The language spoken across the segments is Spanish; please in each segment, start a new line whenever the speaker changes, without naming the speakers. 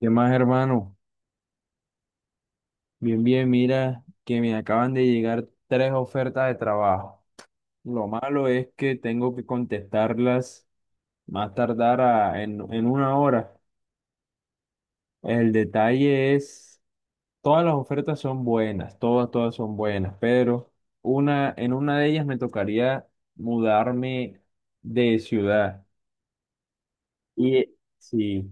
¿Qué más, hermano? Bien, bien, mira que me acaban de llegar tres ofertas de trabajo. Lo malo es que tengo que contestarlas más tardar en una hora. El detalle es, todas las ofertas son buenas, todas, todas son buenas, pero en una de ellas me tocaría mudarme de ciudad. Y sí.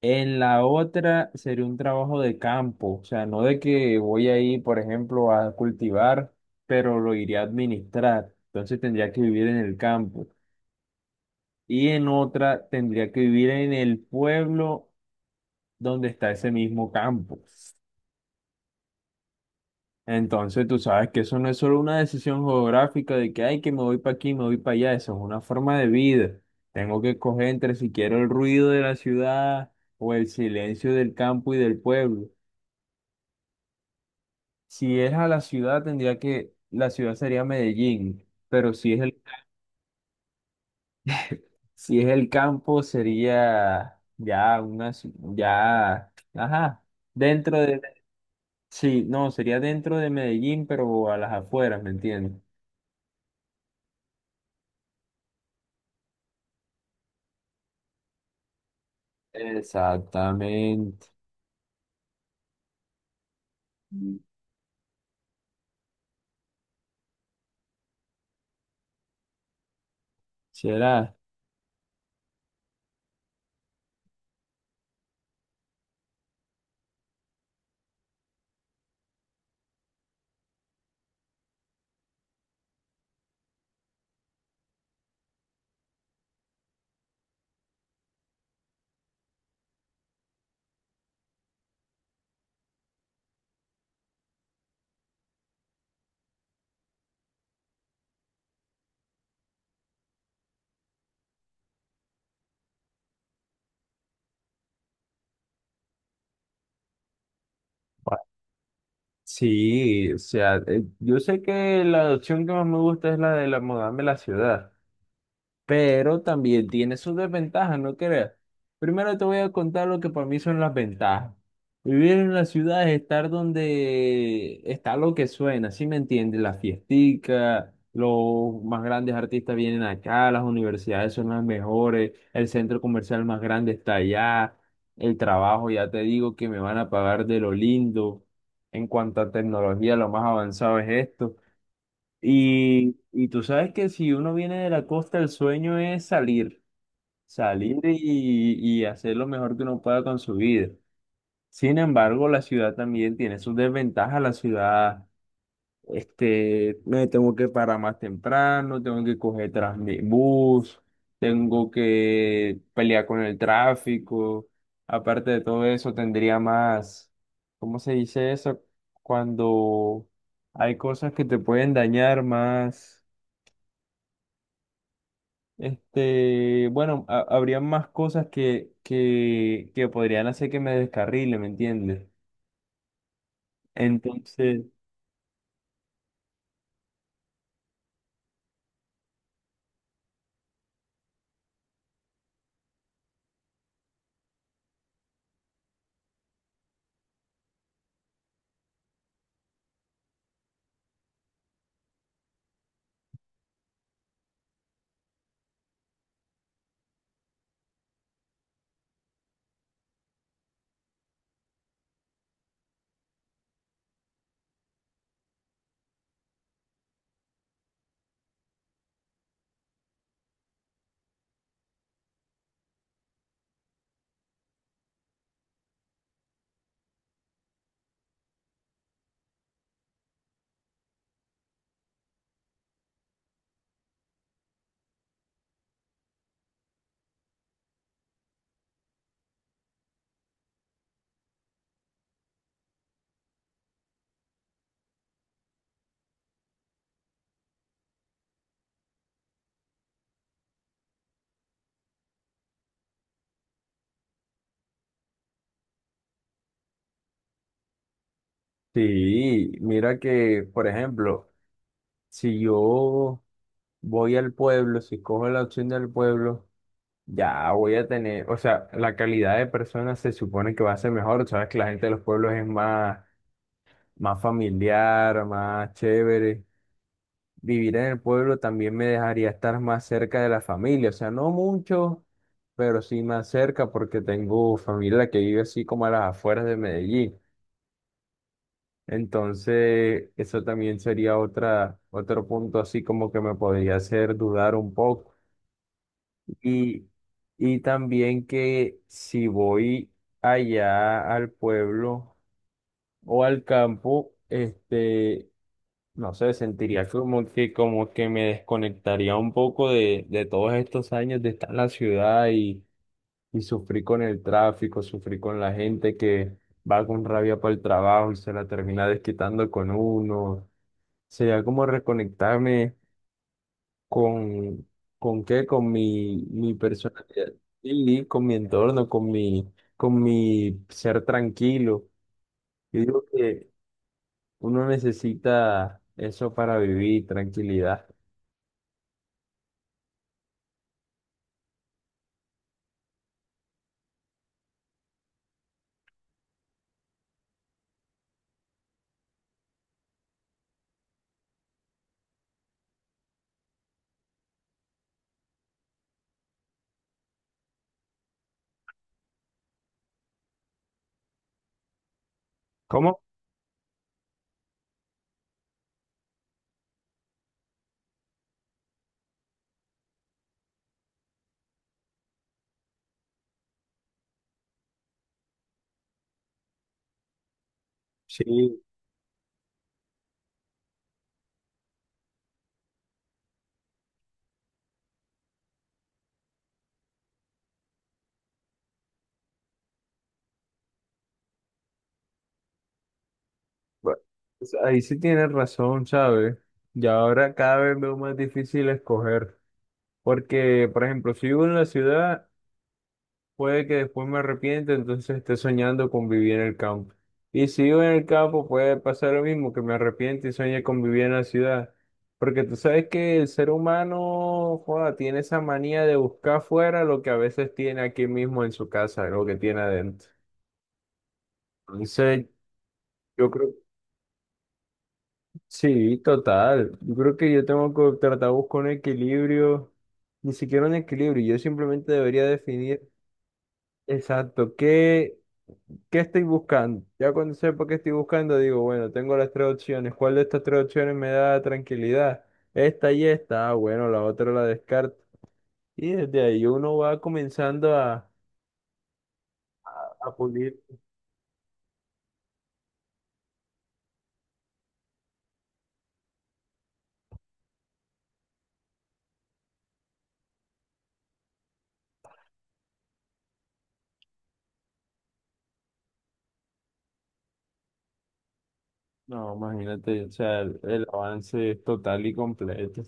En la otra sería un trabajo de campo, o sea, no de que voy a ir, por ejemplo, a cultivar, pero lo iría a administrar. Entonces tendría que vivir en el campo. Y en otra tendría que vivir en el pueblo donde está ese mismo campo. Entonces tú sabes que eso no es solo una decisión geográfica de que, ay, que me voy para aquí, me voy para allá. Eso es una forma de vida. Tengo que escoger entre si quiero el ruido de la ciudad o el silencio del campo y del pueblo. Si es a la ciudad, tendría que, la ciudad sería Medellín, pero si es el, si es el campo, sería ya una, ya, ajá, dentro de, sí, no, sería dentro de Medellín, pero a las afueras, ¿me entiendes? Exactamente. ¿Será? Bueno, sí, o sea, yo sé que la opción que más me gusta es la de la mudarme a la ciudad. Pero también tiene sus desventajas, ¿no creas? Primero te voy a contar lo que para mí son las ventajas. Vivir en la ciudad es estar donde está lo que suena, ¿sí me entiendes? Las fiesticas, los más grandes artistas vienen acá, las universidades son las mejores, el centro comercial más grande está allá, el trabajo, ya te digo que me van a pagar de lo lindo. En cuanto a tecnología, lo más avanzado es esto. Y tú sabes que si uno viene de la costa, el sueño es salir, salir y hacer lo mejor que uno pueda con su vida. Sin embargo, la ciudad también tiene sus desventajas. La ciudad, me tengo que parar más temprano, tengo que coger bus, tengo que pelear con el tráfico. Aparte de todo eso, tendría más, ¿cómo se dice eso? Cuando hay cosas que te pueden dañar más. Bueno, habría más cosas que, que podrían hacer que me descarrile, ¿me entiendes? Entonces, sí, mira que, por ejemplo, si yo voy al pueblo, si cojo la opción del pueblo, ya voy a tener, o sea, la calidad de personas se supone que va a ser mejor, sabes que la gente de los pueblos es más, más familiar, más chévere. Vivir en el pueblo también me dejaría estar más cerca de la familia, o sea, no mucho, pero sí más cerca porque tengo familia que vive así como a las afueras de Medellín. Entonces, eso también sería otra, otro punto así como que me podría hacer dudar un poco. Y, y también que si voy allá al pueblo o al campo, no sé, sentiría como que me desconectaría un poco de todos estos años de estar en la ciudad y sufrir con el tráfico, sufrir con la gente que va con rabia para el trabajo y se la termina desquitando con uno. Sería como reconectarme con, ¿con qué? Con mi personalidad, y con mi entorno, con mi ser tranquilo. Yo digo que uno necesita eso para vivir, tranquilidad. ¿Cómo? Sí, bu- pues ahí sí tienes razón, ¿sabes? Y ahora cada vez veo más difícil escoger, porque, por ejemplo, si vivo en la ciudad, puede que después me arrepienta, entonces esté soñando con vivir en el campo. Y si vivo en el campo, puede pasar lo mismo, que me arrepiente y sueñe con vivir en la ciudad. Porque tú sabes que el ser humano, joda, tiene esa manía de buscar afuera lo que a veces tiene aquí mismo en su casa, lo que tiene adentro. Entonces, yo creo sí, total. Yo creo que yo tengo que tratar de buscar un equilibrio, ni siquiera un equilibrio. Yo simplemente debería definir exacto qué, qué estoy buscando. Ya cuando sepa qué estoy buscando, digo, bueno, tengo las tres opciones. ¿Cuál de estas tres opciones me da tranquilidad? Esta y esta. Ah, bueno, la otra la descarto. Y desde ahí uno va comenzando a pulir. No, imagínate, o sea, el avance es total y completo.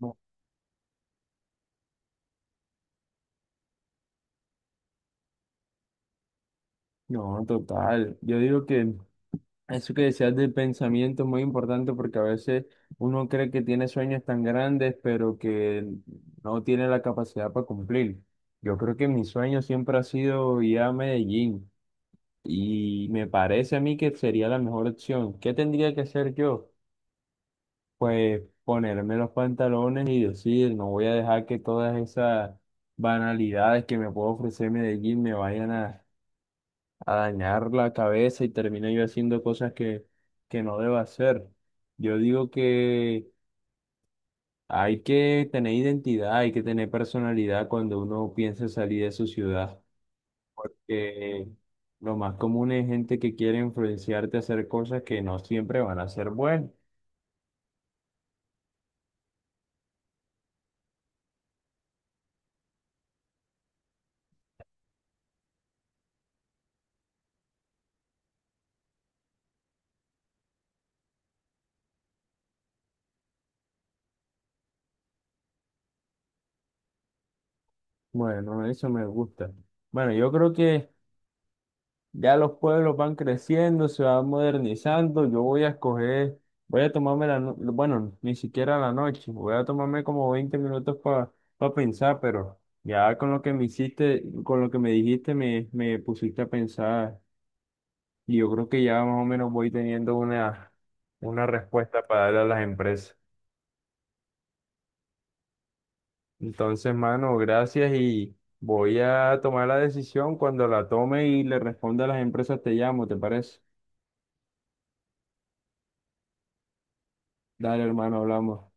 No, no, total. Yo digo que eso que decías del pensamiento es muy importante porque a veces uno cree que tiene sueños tan grandes, pero que no tiene la capacidad para cumplir. Yo creo que mi sueño siempre ha sido ir a Medellín y me parece a mí que sería la mejor opción. ¿Qué tendría que hacer yo? Pues ponerme los pantalones y decir, no voy a dejar que todas esas banalidades que me puede ofrecer Medellín me vayan a dañar la cabeza y termine yo haciendo cosas que no debo hacer. Yo digo que hay que tener identidad, hay que tener personalidad cuando uno piensa salir de su ciudad. Que lo más común es gente que quiere influenciarte a hacer cosas que no siempre van a ser buenas. Bueno, eso me gusta. Bueno, yo creo que ya los pueblos van creciendo, se van modernizando. Yo voy a escoger, voy a tomarme la, bueno, ni siquiera la noche, voy a tomarme como 20 minutos para pensar, pero ya con lo que me hiciste, con lo que me dijiste, me pusiste a pensar y yo creo que ya más o menos voy teniendo una respuesta para darle a las empresas. Entonces, mano, gracias y voy a tomar la decisión. Cuando la tome y le responda a las empresas, te llamo, ¿te parece? Dale, hermano, hablamos.